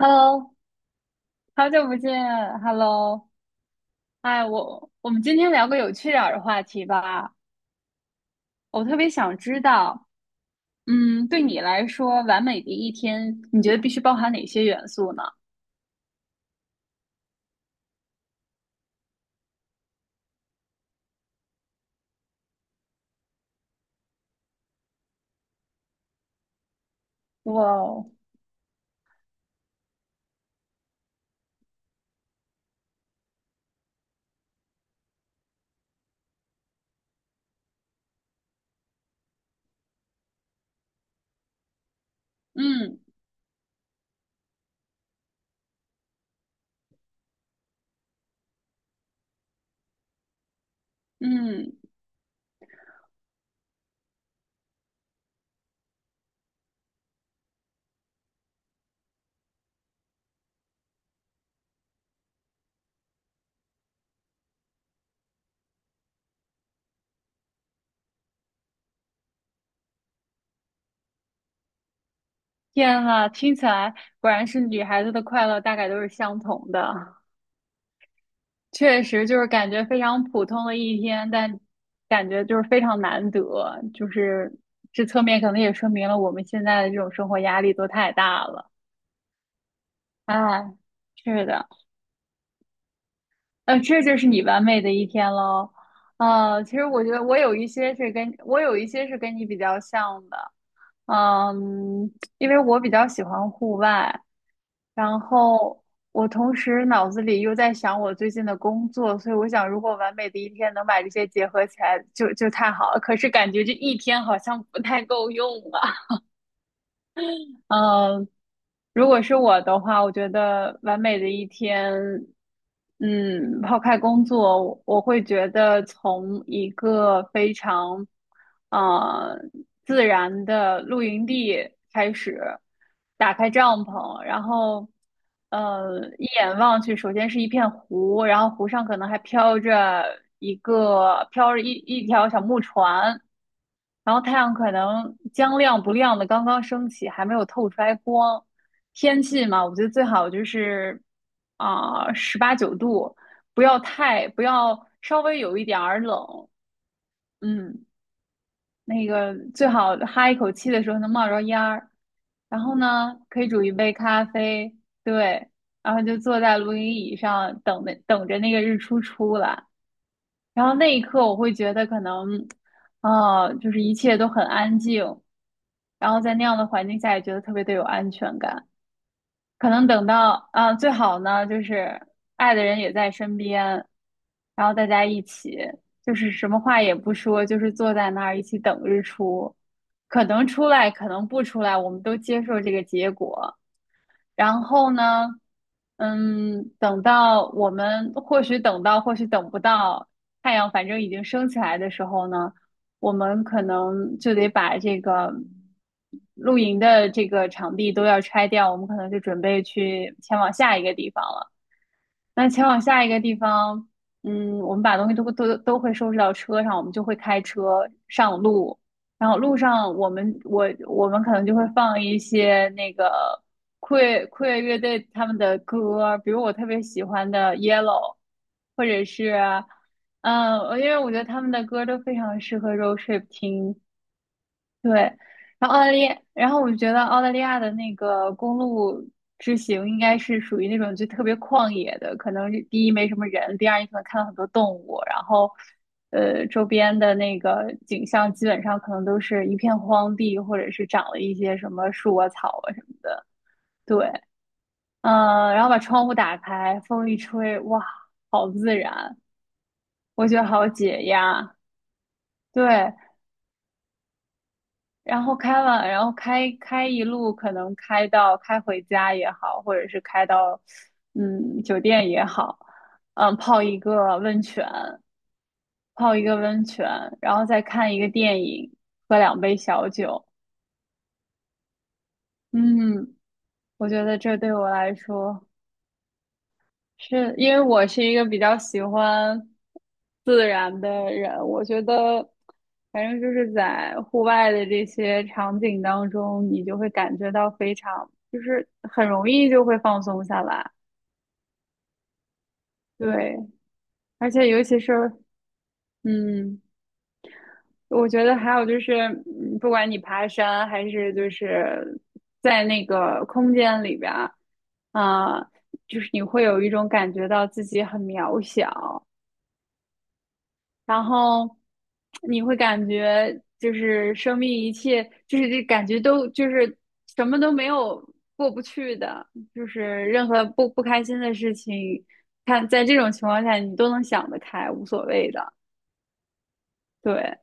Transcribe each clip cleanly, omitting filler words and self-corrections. Hello，好久不见，Hello，哎，我们今天聊个有趣点儿的话题吧。我特别想知道，对你来说，完美的一天，你觉得必须包含哪些元素呢？哇哦，嗯嗯，天呐，听起来果然是女孩子的快乐大概都是相同的，确实就是感觉非常普通的一天，但感觉就是非常难得，就是这侧面可能也说明了我们现在的这种生活压力都太大了。哎，是的，这就是你完美的一天喽。其实我觉得我有一些是跟我有一些是跟你比较像的，嗯，因为我比较喜欢户外，然后我同时脑子里又在想我最近的工作，所以我想如果完美的一天能把这些结合起来就，就太好了。可是感觉这一天好像不太够用啊。嗯，如果是我的话，我觉得完美的一天，嗯，抛开工作，我会觉得从一个非常，呃，自然的露营地开始，打开帐篷，然后，一眼望去，首先是一片湖，然后湖上可能还飘着一个飘着一一条小木船，然后太阳可能将亮不亮的刚刚升起，还没有透出来光。天气嘛，我觉得最好就是啊十八九度，不要太不要稍微有一点儿冷，嗯，那个最好哈一口气的时候能冒着烟儿。然后呢，可以煮一杯咖啡，对，然后就坐在露营椅上等着那个日出出来。然后那一刻我会觉得可能，就是一切都很安静，然后在那样的环境下也觉得特别的有安全感。可能等到啊，最好呢就是爱的人也在身边，然后大家一起就是什么话也不说，就是坐在那儿一起等日出。可能出来，可能不出来，我们都接受这个结果。然后呢，嗯，等到我们或许等不到，太阳反正已经升起来的时候呢，我们可能就得把这个露营的这个场地都要拆掉，我们可能就准备去前往下一个地方了。那前往下一个地方，嗯，我们把东西都会收拾到车上，我们就会开车上路。然后路上，我们可能就会放一些那个酷乐乐队他们的歌，比如我特别喜欢的《Yellow》，或者是，呃因为我觉得他们的歌都非常适合 road trip 听。对，然后澳大利亚，然后我觉得澳大利亚的那个公路之行应该是属于那种就特别旷野的，可能是第一没什么人，第二你可能看到很多动物，然后呃周边的那个景象基本上可能都是一片荒地，或者是长了一些什么树啊草啊什么的。对，嗯、然后把窗户打开，风一吹，哇，好自然，我觉得好解压。对，然后开完，然后开一路，可能开到开回家也好，或者是开到嗯酒店也好，嗯泡一个温泉，泡一个温泉，然后再看一个电影，喝两杯小酒，嗯，我觉得这对我来说。是因为我是一个比较喜欢自然的人，我觉得反正就是在户外的这些场景当中，你就会感觉到非常，就是很容易就会放松下来。对，而且尤其是嗯，我觉得还有就是，嗯不管你爬山还是就是在那个空间里边儿，啊、就是你会有一种感觉到自己很渺小。然后你会感觉就是生命一切就是这感觉都就是什么都没有过不去的，就是任何不开心的事情，看在这种情况下你都能想得开，无所谓的。对，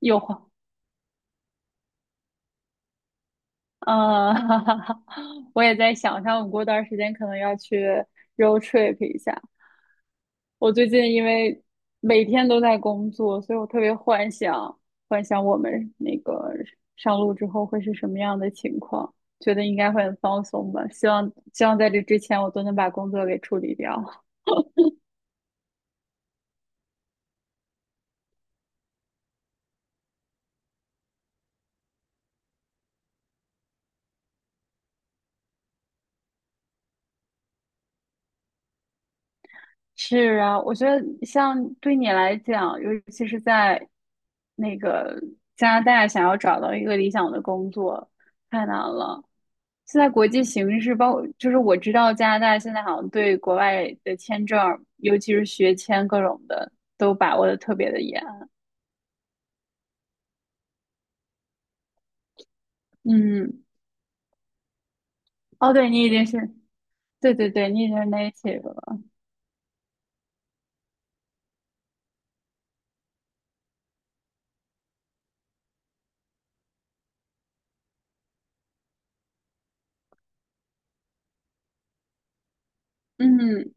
有。嗯，我也在想，像我过段儿时间可能要去 road trip 一下。我最近因为每天都在工作，所以我特别幻想，幻想我们那个上路之后会是什么样的情况，觉得应该会很放松吧。希望在这之前我都能把工作给处理掉。是啊，我觉得像对你来讲，尤其是在那个加拿大，想要找到一个理想的工作太难了。现在国际形势，包括就是我知道加拿大现在好像对国外的签证，尤其是学签各种的，都把握的特别的严。嗯，哦，对，你已经是，对对对，你已经是 native 了。嗯，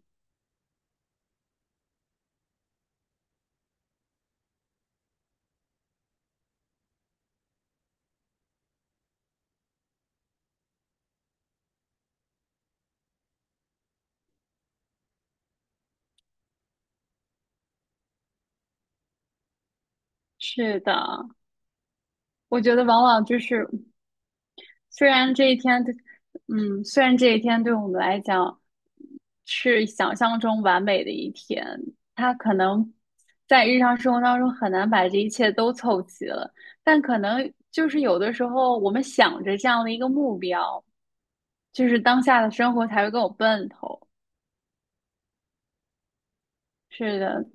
是的，我觉得往往就是虽然这一天对，嗯，虽然这一天对我们来讲是想象中完美的一天，它可能在日常生活当中很难把这一切都凑齐了，但可能就是有的时候我们想着这样的一个目标，就是当下的生活才会更有奔头。是的，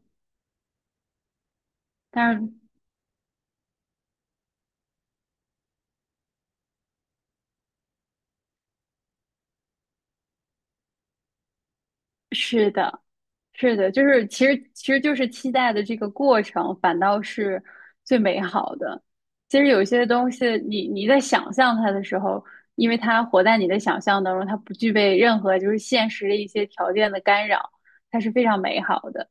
但是是的。是的，就是其实就是期待的这个过程，反倒是最美好的。其实有些东西你，你在想象它的时候，因为它活在你的想象当中，它不具备任何就是现实的一些条件的干扰，它是非常美好的。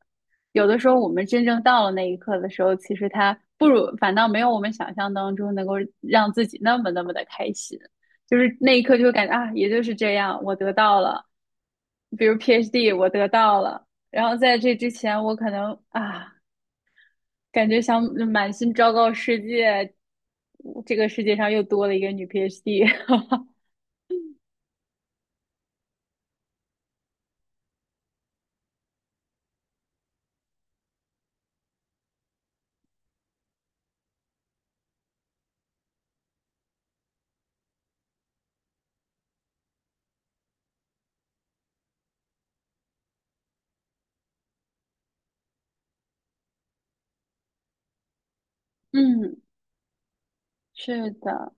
有的时候我们真正到了那一刻的时候，其实它不如反倒没有我们想象当中能够让自己那么的开心。就是那一刻就会感觉啊，也就是这样，我得到了。比如 PhD 我得到了，然后在这之前我可能啊，感觉想满心昭告世界，这个世界上又多了一个女 PhD。嗯，是的，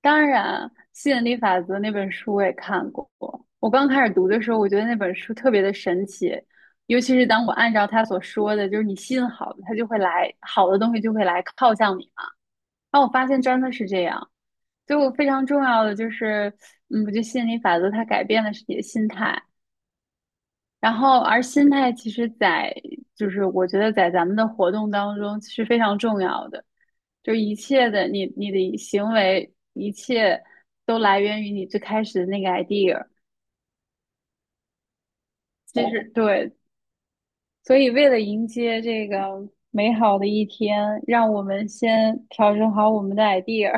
当然，吸引力法则那本书我也看过。我刚开始读的时候，我觉得那本书特别的神奇，尤其是当我按照他所说的，就是你吸引好的，他就会来，好的东西就会来靠向你嘛。然后我发现真的是这样，就非常重要的就是，嗯，我觉得吸引力法则它改变的是你的心态，然后而心态其实在，就是我觉得在咱们的活动当中是非常重要的，就是一切的你的行为，一切都来源于你最开始的那个 idea，其实对，所以为了迎接这个美好的一天，让我们先调整好我们的 idea，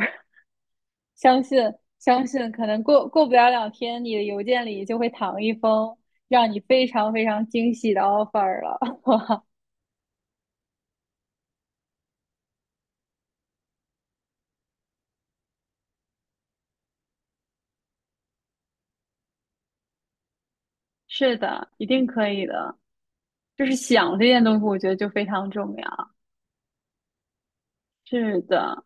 相信相信，可能过不了两天，你的邮件里就会躺一封让你非常非常惊喜的 offer 了。是的，一定可以的。就是想这件东西，我觉得就非常重要。是的，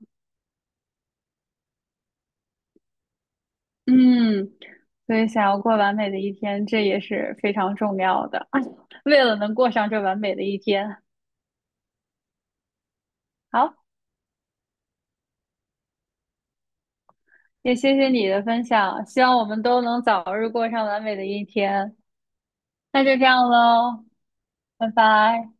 嗯，所以想要过完美的一天，这也是非常重要的。为了能过上这完美的一天，好，也谢谢你的分享，希望我们都能早日过上完美的一天。那就这样喽，拜拜。